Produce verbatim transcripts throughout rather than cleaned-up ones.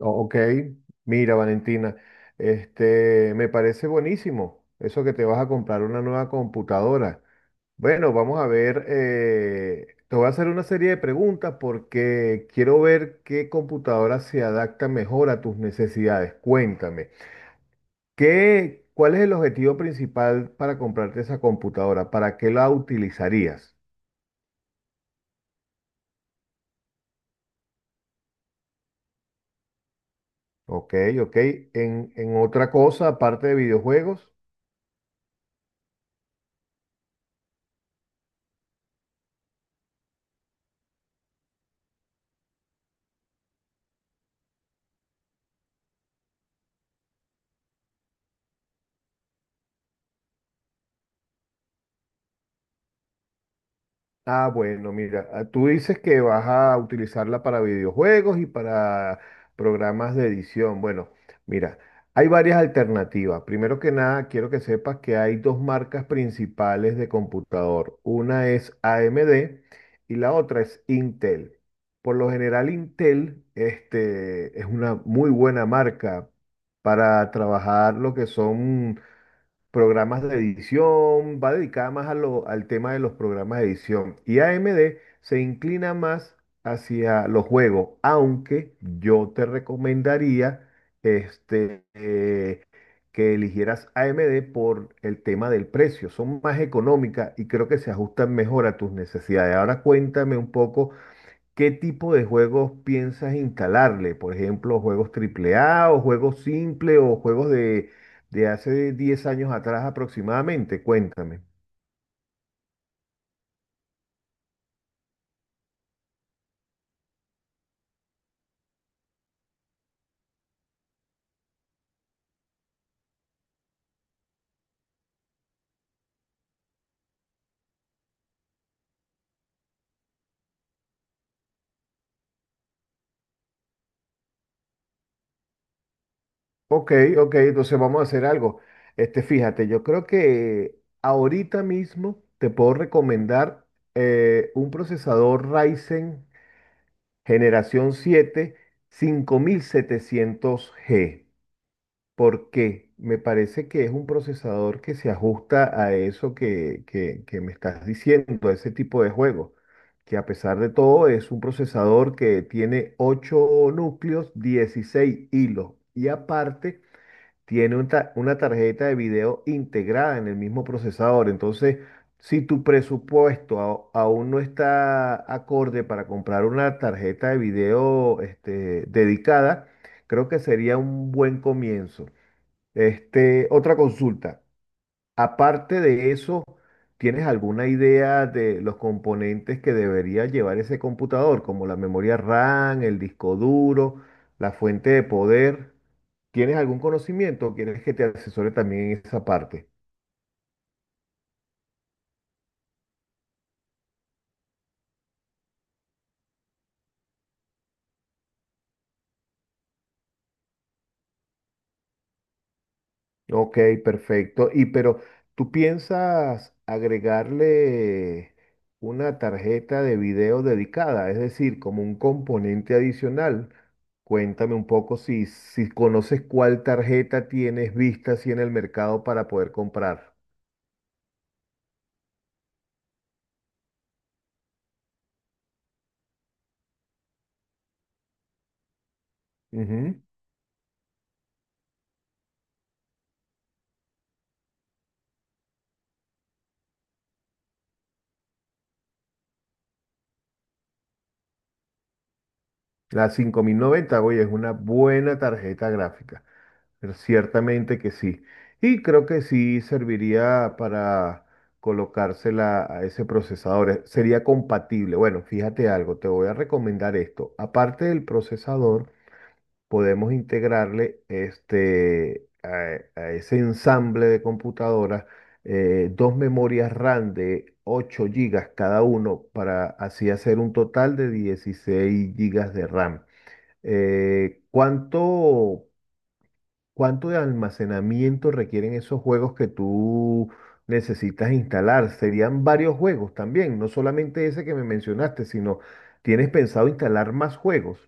O- Ok, mira, Valentina. Este, me parece buenísimo eso que te vas a comprar una nueva computadora. Bueno, vamos a ver. Eh, te voy a hacer una serie de preguntas porque quiero ver qué computadora se adapta mejor a tus necesidades. Cuéntame, ¿qué, ¿cuál es el objetivo principal para comprarte esa computadora? ¿Para qué la utilizarías? Ok, ok. En, en otra cosa, aparte de videojuegos. Ah, bueno, mira. Ah, tú dices que vas a utilizarla para videojuegos y para programas de edición. Bueno, mira, hay varias alternativas. Primero que nada, quiero que sepas que hay dos marcas principales de computador. Una es A M D y la otra es Intel. Por lo general, Intel, este, es una muy buena marca para trabajar lo que son programas de edición, va dedicada más a lo- al tema de los programas de edición. Y A M D se inclina más hacia los juegos, aunque yo te recomendaría, este, eh, que eligieras A M D por el tema del precio. Son más económicas y creo que se ajustan mejor a tus necesidades. Ahora cuéntame un poco. ¿Qué tipo de juegos piensas instalarle? Por ejemplo, juegos triple a o juegos simples o juegos de, de hace diez años atrás aproximadamente. Cuéntame. Ok, ok, entonces vamos a hacer algo. Este, fíjate, yo creo que ahorita mismo te puedo recomendar, eh, un procesador Ryzen generación siete, cinco mil setecientos g, porque me parece que es un procesador que se ajusta a eso que, que- que me estás diciendo, a ese tipo de juego, que a pesar de todo es un procesador que tiene ocho núcleos, dieciséis hilos, y aparte tiene un ta- una tarjeta de video integrada en el mismo procesador. Entonces, si tu presupuesto ao- aún no está acorde para comprar una tarjeta de video este, dedicada, creo que sería un buen comienzo. Este, otra consulta. Aparte de eso, ¿tienes alguna idea de los componentes que debería llevar ese computador, como la memoria RAM, el disco duro, la fuente de poder? ¿Tienes algún conocimiento o quieres que te asesore también en esa parte? Ok, perfecto. Y pero, ¿tú piensas agregarle una tarjeta de video dedicada? Es decir, como un componente adicional. Cuéntame un poco si, si conoces cuál tarjeta tienes vista así en el mercado para poder comprar. Ujú. La cinco mil noventa, oye, es una buena tarjeta gráfica. Pero ciertamente que sí. Y creo que sí serviría para colocársela a ese procesador. Eh, Sería compatible. Bueno, fíjate algo, te voy a recomendar esto. Aparte del procesador, podemos integrarle este, a, e, a ese ensamble de computadoras, eh, dos memorias RAM de ocho gigas cada uno para así hacer un total de dieciséis gigas de RAM. Eh, ¿cuánto? ¿Cuánto de almacenamiento requieren esos juegos que tú necesitas instalar? Serían varios juegos también, no solamente ese que me mencionaste, sino tienes pensado instalar más juegos.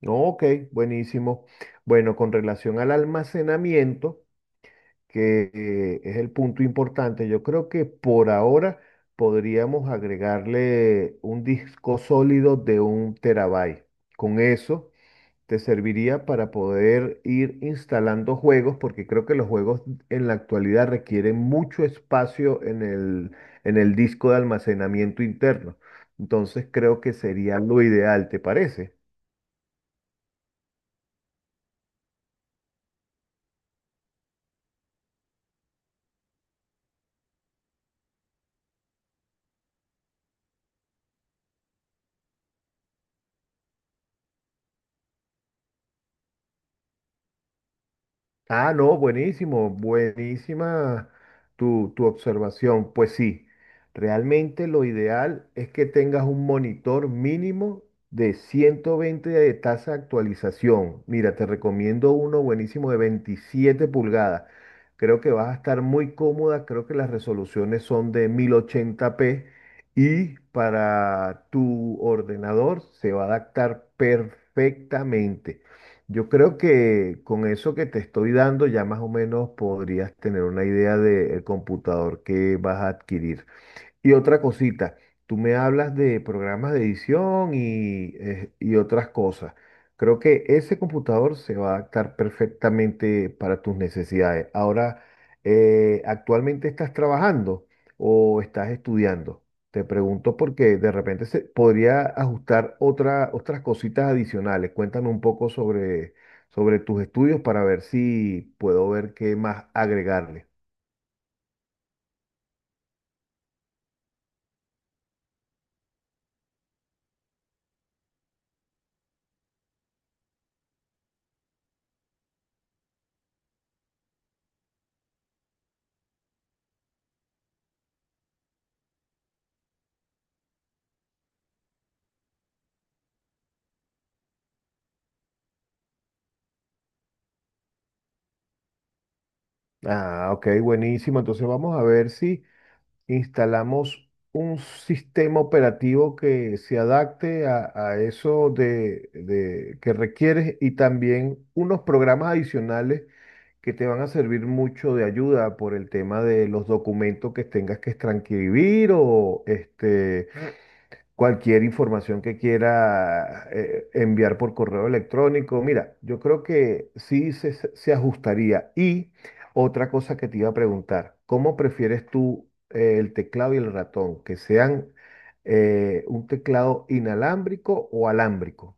No, ok, buenísimo. Bueno, con relación al almacenamiento, que, eh, es el punto importante, yo creo que por ahora podríamos agregarle un disco sólido de un terabyte. Con eso te serviría para poder ir instalando juegos, porque creo que los juegos en la actualidad requieren mucho espacio en el, en el disco de almacenamiento interno. Entonces creo que sería lo ideal, ¿te parece? Ah, no, buenísimo, buenísima tu, tu observación. Pues sí, realmente lo ideal es que tengas un monitor mínimo de ciento veinte de tasa de actualización. Mira, te recomiendo uno buenísimo de veintisiete pulgadas. Creo que vas a estar muy cómoda, creo que las resoluciones son de mil ochenta p y para tu ordenador se va a adaptar perfectamente. Yo creo que con eso que te estoy dando ya más o menos podrías tener una idea del computador que vas a adquirir. Y otra cosita, tú me hablas de programas de edición y, eh, y otras cosas. Creo que ese computador se va a adaptar perfectamente para tus necesidades. Ahora, eh, ¿actualmente estás trabajando o estás estudiando? Te pregunto porque de repente se podría ajustar otra, otras cositas adicionales. Cuéntame un poco sobre, sobre tus estudios para ver si puedo ver qué más agregarle. Ah, ok, buenísimo. Entonces vamos a ver si instalamos un sistema operativo que se adapte a, a eso de, de- que requieres y también unos programas adicionales que te van a servir mucho de ayuda por el tema de los documentos que tengas que transcribir o este, cualquier información que quiera eh, enviar por correo electrónico. Mira, yo creo que sí se, se ajustaría. Y otra cosa que te iba a preguntar, ¿cómo prefieres tú, eh, el teclado y el ratón? ¿Que sean, eh, un teclado inalámbrico o alámbrico?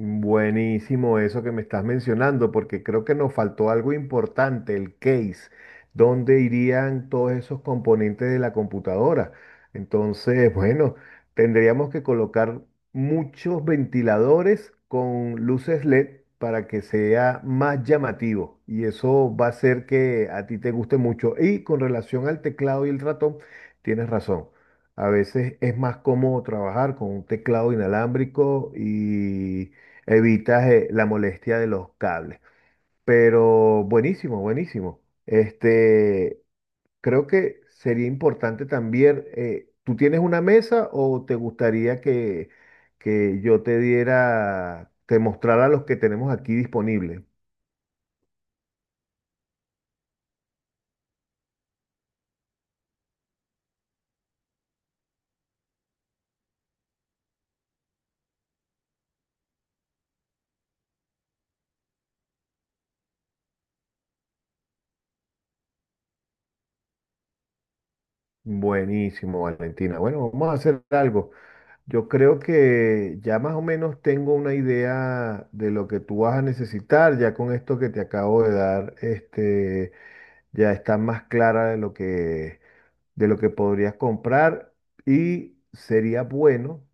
Buenísimo eso que me estás mencionando, porque creo que nos faltó algo importante, el case, dónde irían todos esos componentes de la computadora. Entonces, bueno, tendríamos que colocar muchos ventiladores con luces LED para que sea más llamativo y eso va a hacer que a ti te guste mucho. Y con relación al teclado y el ratón, tienes razón. A veces es más cómodo trabajar con un teclado inalámbrico y evitas eh, la molestia de los cables. Pero buenísimo, buenísimo. Este, creo que sería importante también. Eh, ¿tú tienes una mesa o te gustaría que, que yo te diera, te mostrara los que tenemos aquí disponibles? Buenísimo, Valentina. Bueno, vamos a hacer algo. Yo creo que ya más o menos tengo una idea de lo que tú vas a necesitar, ya con esto que te acabo de dar, este ya está más clara de lo que, de lo que podrías comprar y sería bueno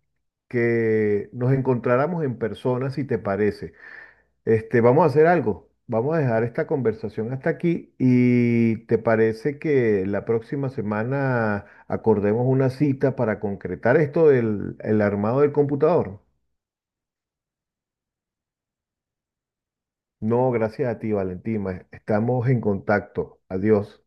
que nos encontráramos en persona, si te parece. Este, vamos a hacer algo. Vamos a dejar esta conversación hasta aquí y te parece que la próxima semana acordemos una cita para concretar esto del el armado del computador. No, gracias a ti, Valentina. Estamos en contacto. Adiós.